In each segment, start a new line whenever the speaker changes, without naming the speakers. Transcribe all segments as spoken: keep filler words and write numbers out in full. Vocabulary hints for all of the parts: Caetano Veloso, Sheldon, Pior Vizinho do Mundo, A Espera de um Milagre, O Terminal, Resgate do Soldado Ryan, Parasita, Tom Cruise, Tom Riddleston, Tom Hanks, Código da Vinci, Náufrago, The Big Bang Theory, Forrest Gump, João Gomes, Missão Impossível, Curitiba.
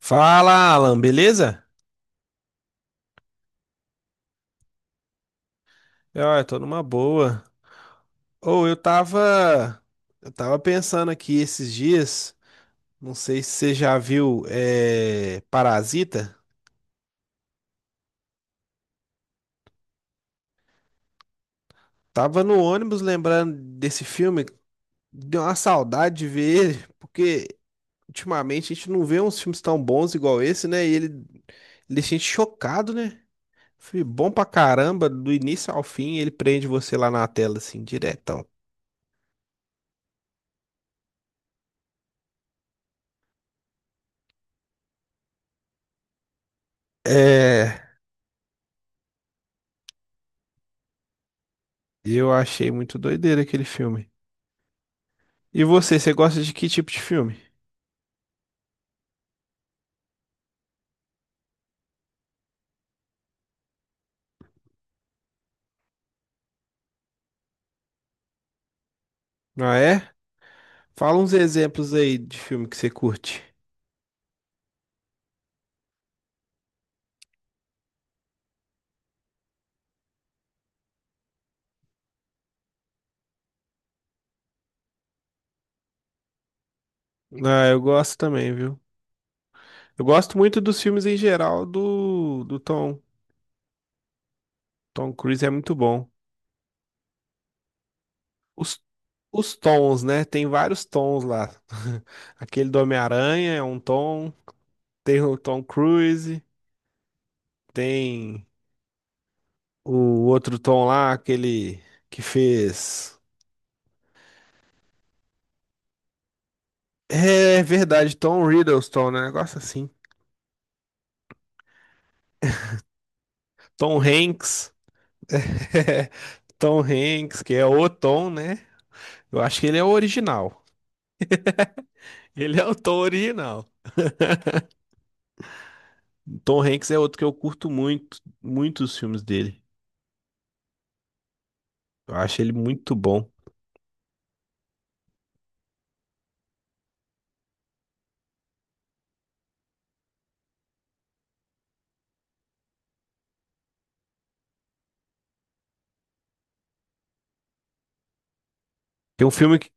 Fala, Alan, beleza? Ah, eu tô numa boa. Ou eu tava, eu tava pensando aqui esses dias, não sei se você já viu é, Parasita. Tava no ônibus lembrando desse filme, deu uma saudade de ver ele, porque ultimamente a gente não vê uns filmes tão bons igual esse, né? E ele, ele deixa a gente chocado, né? Foi bom pra caramba, do início ao fim, ele prende você lá na tela, assim, diretão. É, eu achei muito doideira aquele filme. E você, você gosta de que tipo de filme? Ah, é? Fala uns exemplos aí de filme que você curte. Ah, eu gosto também, viu? Eu gosto muito dos filmes em geral do, do Tom. Tom Cruise é muito bom. Os, os tons, né? Tem vários tons lá. Aquele do Homem-Aranha é um tom. Tem o Tom Cruise. Tem o outro Tom lá, aquele que fez. É verdade, Tom Riddleston, né? Negócio assim. Tom Hanks. Tom Hanks, que é o Tom, né? Eu acho que ele é o original. Ele é o Tom original. Tom Hanks é outro que eu curto muito, muitos filmes dele. Eu acho ele muito bom. Tem um filme que.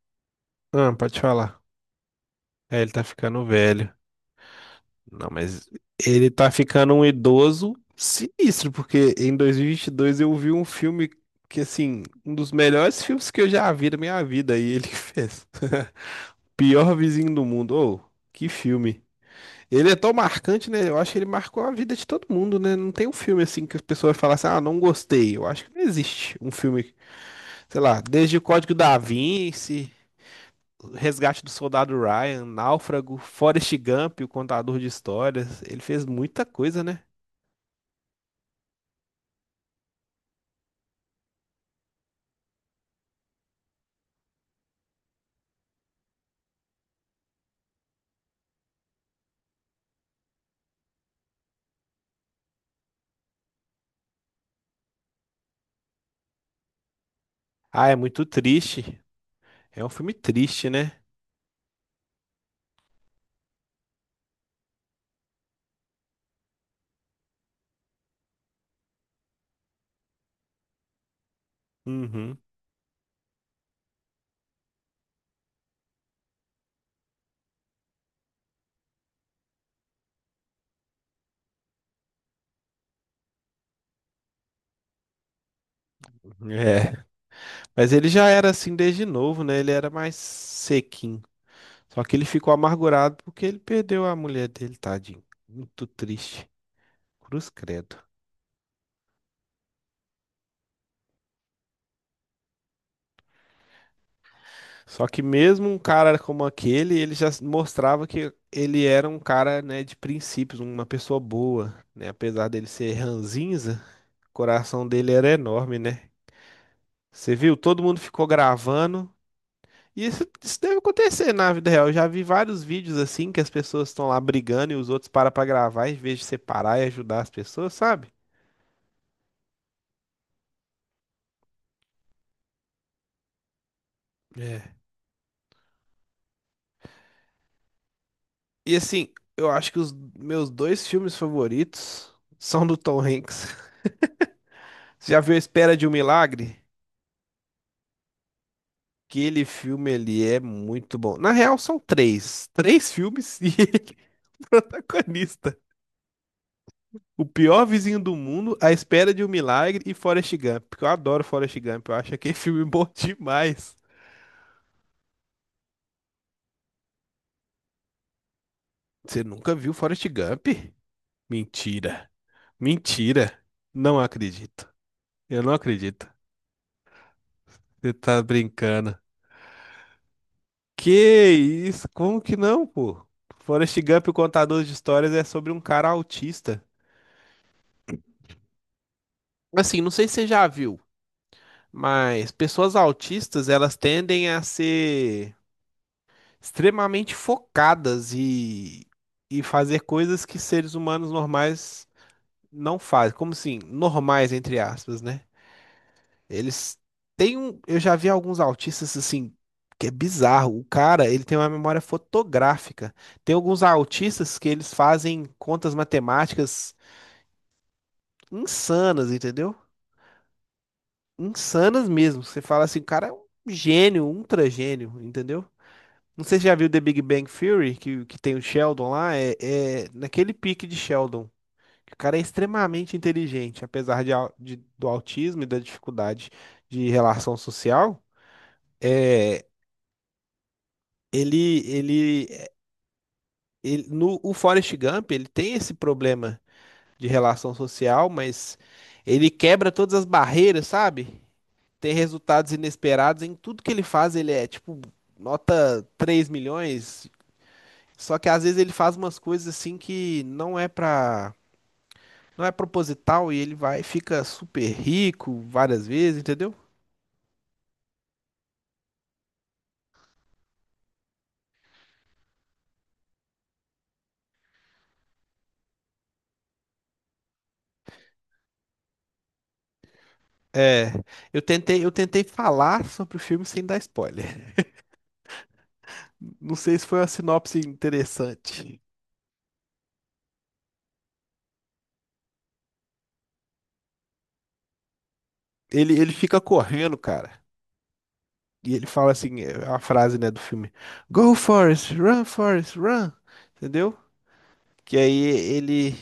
Ah, pode falar. É, ele tá ficando velho. Não, mas ele tá ficando um idoso sinistro, porque em dois mil e vinte e dois eu vi um filme que, assim, um dos melhores filmes que eu já vi na minha vida, e ele fez. Pior Vizinho do Mundo. Ô, que filme. Ele é tão marcante, né? Eu acho que ele marcou a vida de todo mundo, né? Não tem um filme assim que as pessoas falam assim, ah, não gostei. Eu acho que não existe um filme, sei lá, desde o Código da Vinci, Resgate do Soldado Ryan, Náufrago, Forrest Gump, o contador de histórias. Ele fez muita coisa, né? Ah, é muito triste. É um filme triste, né? Uhum. É. Mas ele já era assim desde novo, né? Ele era mais sequinho. Só que ele ficou amargurado porque ele perdeu a mulher dele, tadinho. Muito triste. Cruz credo. Só que mesmo um cara como aquele, ele já mostrava que ele era um cara, né, de princípios, uma pessoa boa, né? Apesar dele ser ranzinza, o coração dele era enorme, né? Você viu? Todo mundo ficou gravando. E isso, isso deve acontecer na vida real. Eu já vi vários vídeos assim que as pessoas estão lá brigando e os outros param pra gravar em vez de separar e ajudar as pessoas, sabe? É. E assim, eu acho que os meus dois filmes favoritos são do Tom Hanks. Você já viu A Espera de um Milagre? Aquele filme ali é muito bom. Na real, são três. Três filmes e ele é protagonista. O pior vizinho do mundo, A Espera de um Milagre e Forrest Gump. Porque eu adoro Forrest Gump. Eu acho aquele filme bom demais. Você nunca viu Forrest Gump? Mentira. Mentira. Não acredito. Eu não acredito. Você tá brincando. Que isso? Como que não, pô? Forrest Gump, o contador de histórias, é sobre um cara autista. Assim, não sei se você já viu, mas pessoas autistas, elas tendem a ser extremamente focadas e, e fazer coisas que seres humanos normais não fazem. Como assim, normais, entre aspas, né? Eles têm um. Eu já vi alguns autistas, assim, que é bizarro. O cara, ele tem uma memória fotográfica. Tem alguns autistas que eles fazem contas matemáticas insanas, entendeu? Insanas mesmo. Você fala assim, o cara é um gênio, um ultra gênio, entendeu? Não sei se você já viu The Big Bang Theory, que, que tem o Sheldon lá, é, é naquele pique de Sheldon. Que o cara é extremamente inteligente, apesar de, au- de- do autismo e da dificuldade de relação social. É, ele, ele, ele- no o Forrest Gump, ele tem esse problema de relação social, mas ele quebra todas as barreiras, sabe? Tem resultados inesperados em tudo que ele faz, ele é tipo nota três milhões, só que às vezes ele faz umas coisas assim que não é pra, não é proposital e ele vai fica super rico várias vezes, entendeu? É, eu tentei, eu tentei falar sobre o filme sem dar spoiler. Não sei se foi uma sinopse interessante. Ele, ele fica correndo, cara. E ele fala assim, é a frase, né, do filme. Go, Forrest, run, Forrest, run. Entendeu? Que aí ele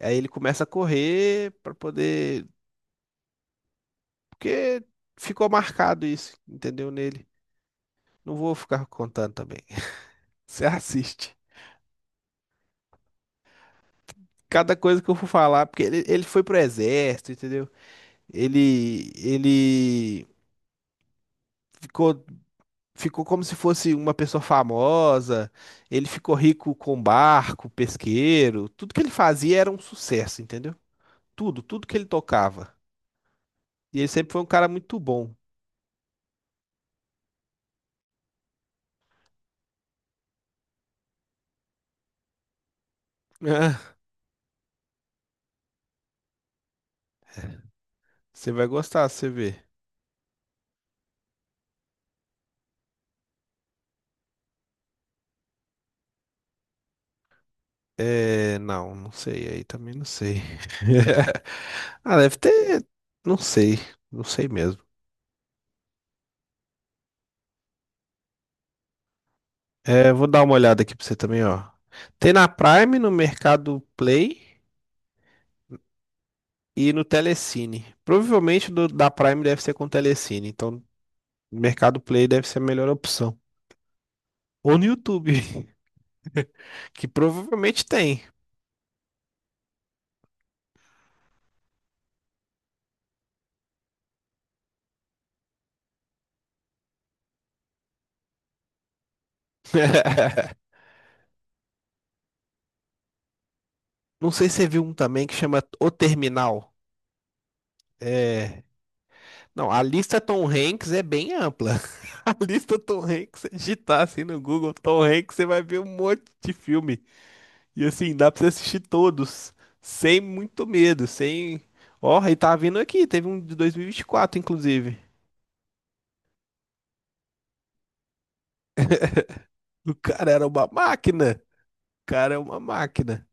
Aí ele começa a correr pra poder. Porque ficou marcado isso, entendeu? Nele. Não vou ficar contando também. Você assiste. Cada coisa que eu for falar, porque ele, ele foi pro exército, entendeu? Ele, ele ficou, ficou como se fosse uma pessoa famosa. Ele ficou rico com barco, pesqueiro. Tudo que ele fazia era um sucesso, entendeu? Tudo, tudo que ele tocava. E ele sempre foi um cara muito bom. Ah, você vai gostar, você vê. É, não, não sei, aí também não sei. Ah, deve ter, não sei, não sei mesmo. É, vou dar uma olhada aqui pra você também, ó. Tem na Prime, no Mercado Play e no Telecine. Provavelmente do, da Prime deve ser com Telecine, então Mercado Play deve ser a melhor opção. Ou no YouTube, que provavelmente tem. Não sei se você viu um também que chama O Terminal. É. Não, a lista Tom Hanks é bem ampla. A lista Tom Hanks, você digitar assim no Google Tom Hanks, você vai ver um monte de filme. E assim, dá pra você assistir todos, sem muito medo, sem. Ó, e tá vindo aqui, teve um de dois mil e vinte e quatro, inclusive. O cara era uma máquina. O cara é uma máquina.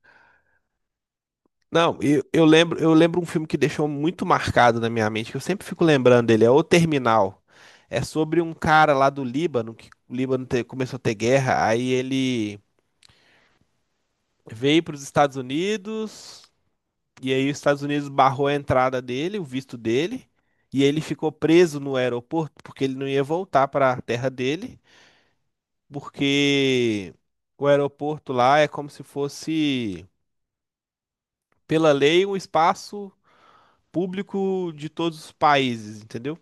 Não, eu, eu lembro, eu lembro um filme que deixou muito marcado na minha mente, que eu sempre fico lembrando dele, é O Terminal. É sobre um cara lá do Líbano, que o Líbano te- começou a ter guerra, aí ele veio para os Estados Unidos, e aí os Estados Unidos barrou a entrada dele, o visto dele, e ele ficou preso no aeroporto porque ele não ia voltar para a terra dele, porque o aeroporto lá é como se fosse, pela lei, um espaço público de todos os países, entendeu?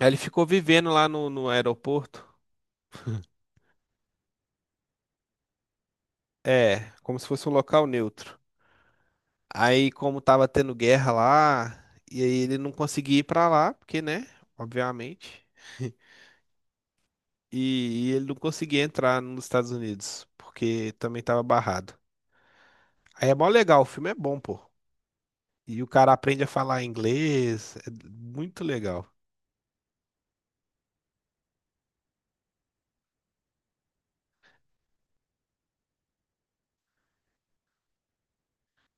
Aí ele ficou vivendo lá no, no aeroporto, é, como se fosse um local neutro. Aí, como tava tendo guerra lá, e aí ele não conseguia ir pra lá, porque, né, obviamente. E, e ele não conseguia entrar nos Estados Unidos, porque também tava barrado. Aí é mó legal, o filme é bom, pô. E o cara aprende a falar inglês, é muito legal.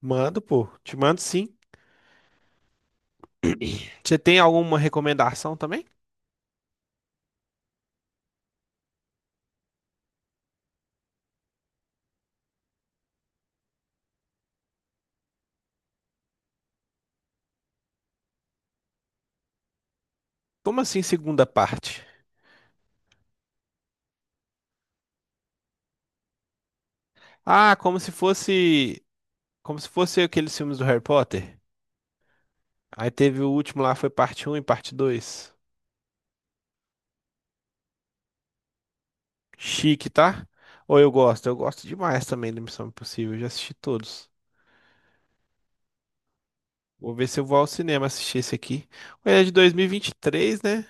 Mando, pô, te mando sim. Você tem alguma recomendação também? Como assim segunda parte? Ah, como se fosse, como se fosse aqueles filmes do Harry Potter. Aí teve o último lá, foi parte um e parte dois. Chique, tá? Ou eu gosto, eu gosto demais também da Missão Impossível, eu já assisti todos. Vou ver se eu vou ao cinema assistir esse aqui. Ele é de dois mil e vinte e três, né?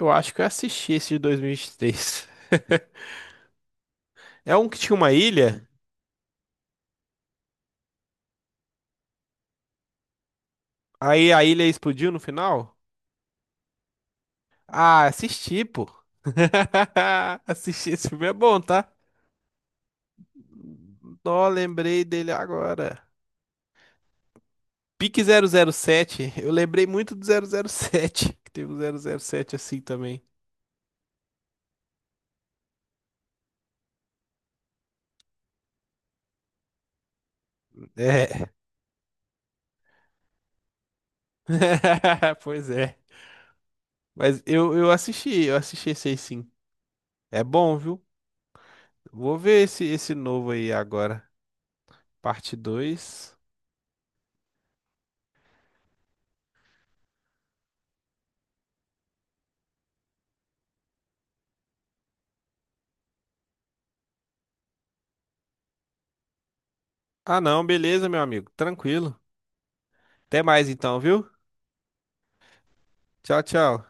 Eu acho que eu assisti esse de dois mil e e vinte e três. É um que tinha uma ilha, aí a ilha explodiu no final? Ah, assisti, pô. Assisti, esse filme é bom, tá? Só lembrei dele agora. Pique zero zero sete. Eu lembrei muito do zero zero sete. Que teve um zero zero sete assim também. É, pois é. Mas eu, eu assisti, eu assisti esse aí sim. É bom, viu? Vou ver esse, esse novo aí agora. Parte dois. Ah, não, beleza, meu amigo. Tranquilo. Até mais então, viu? Tchau, tchau.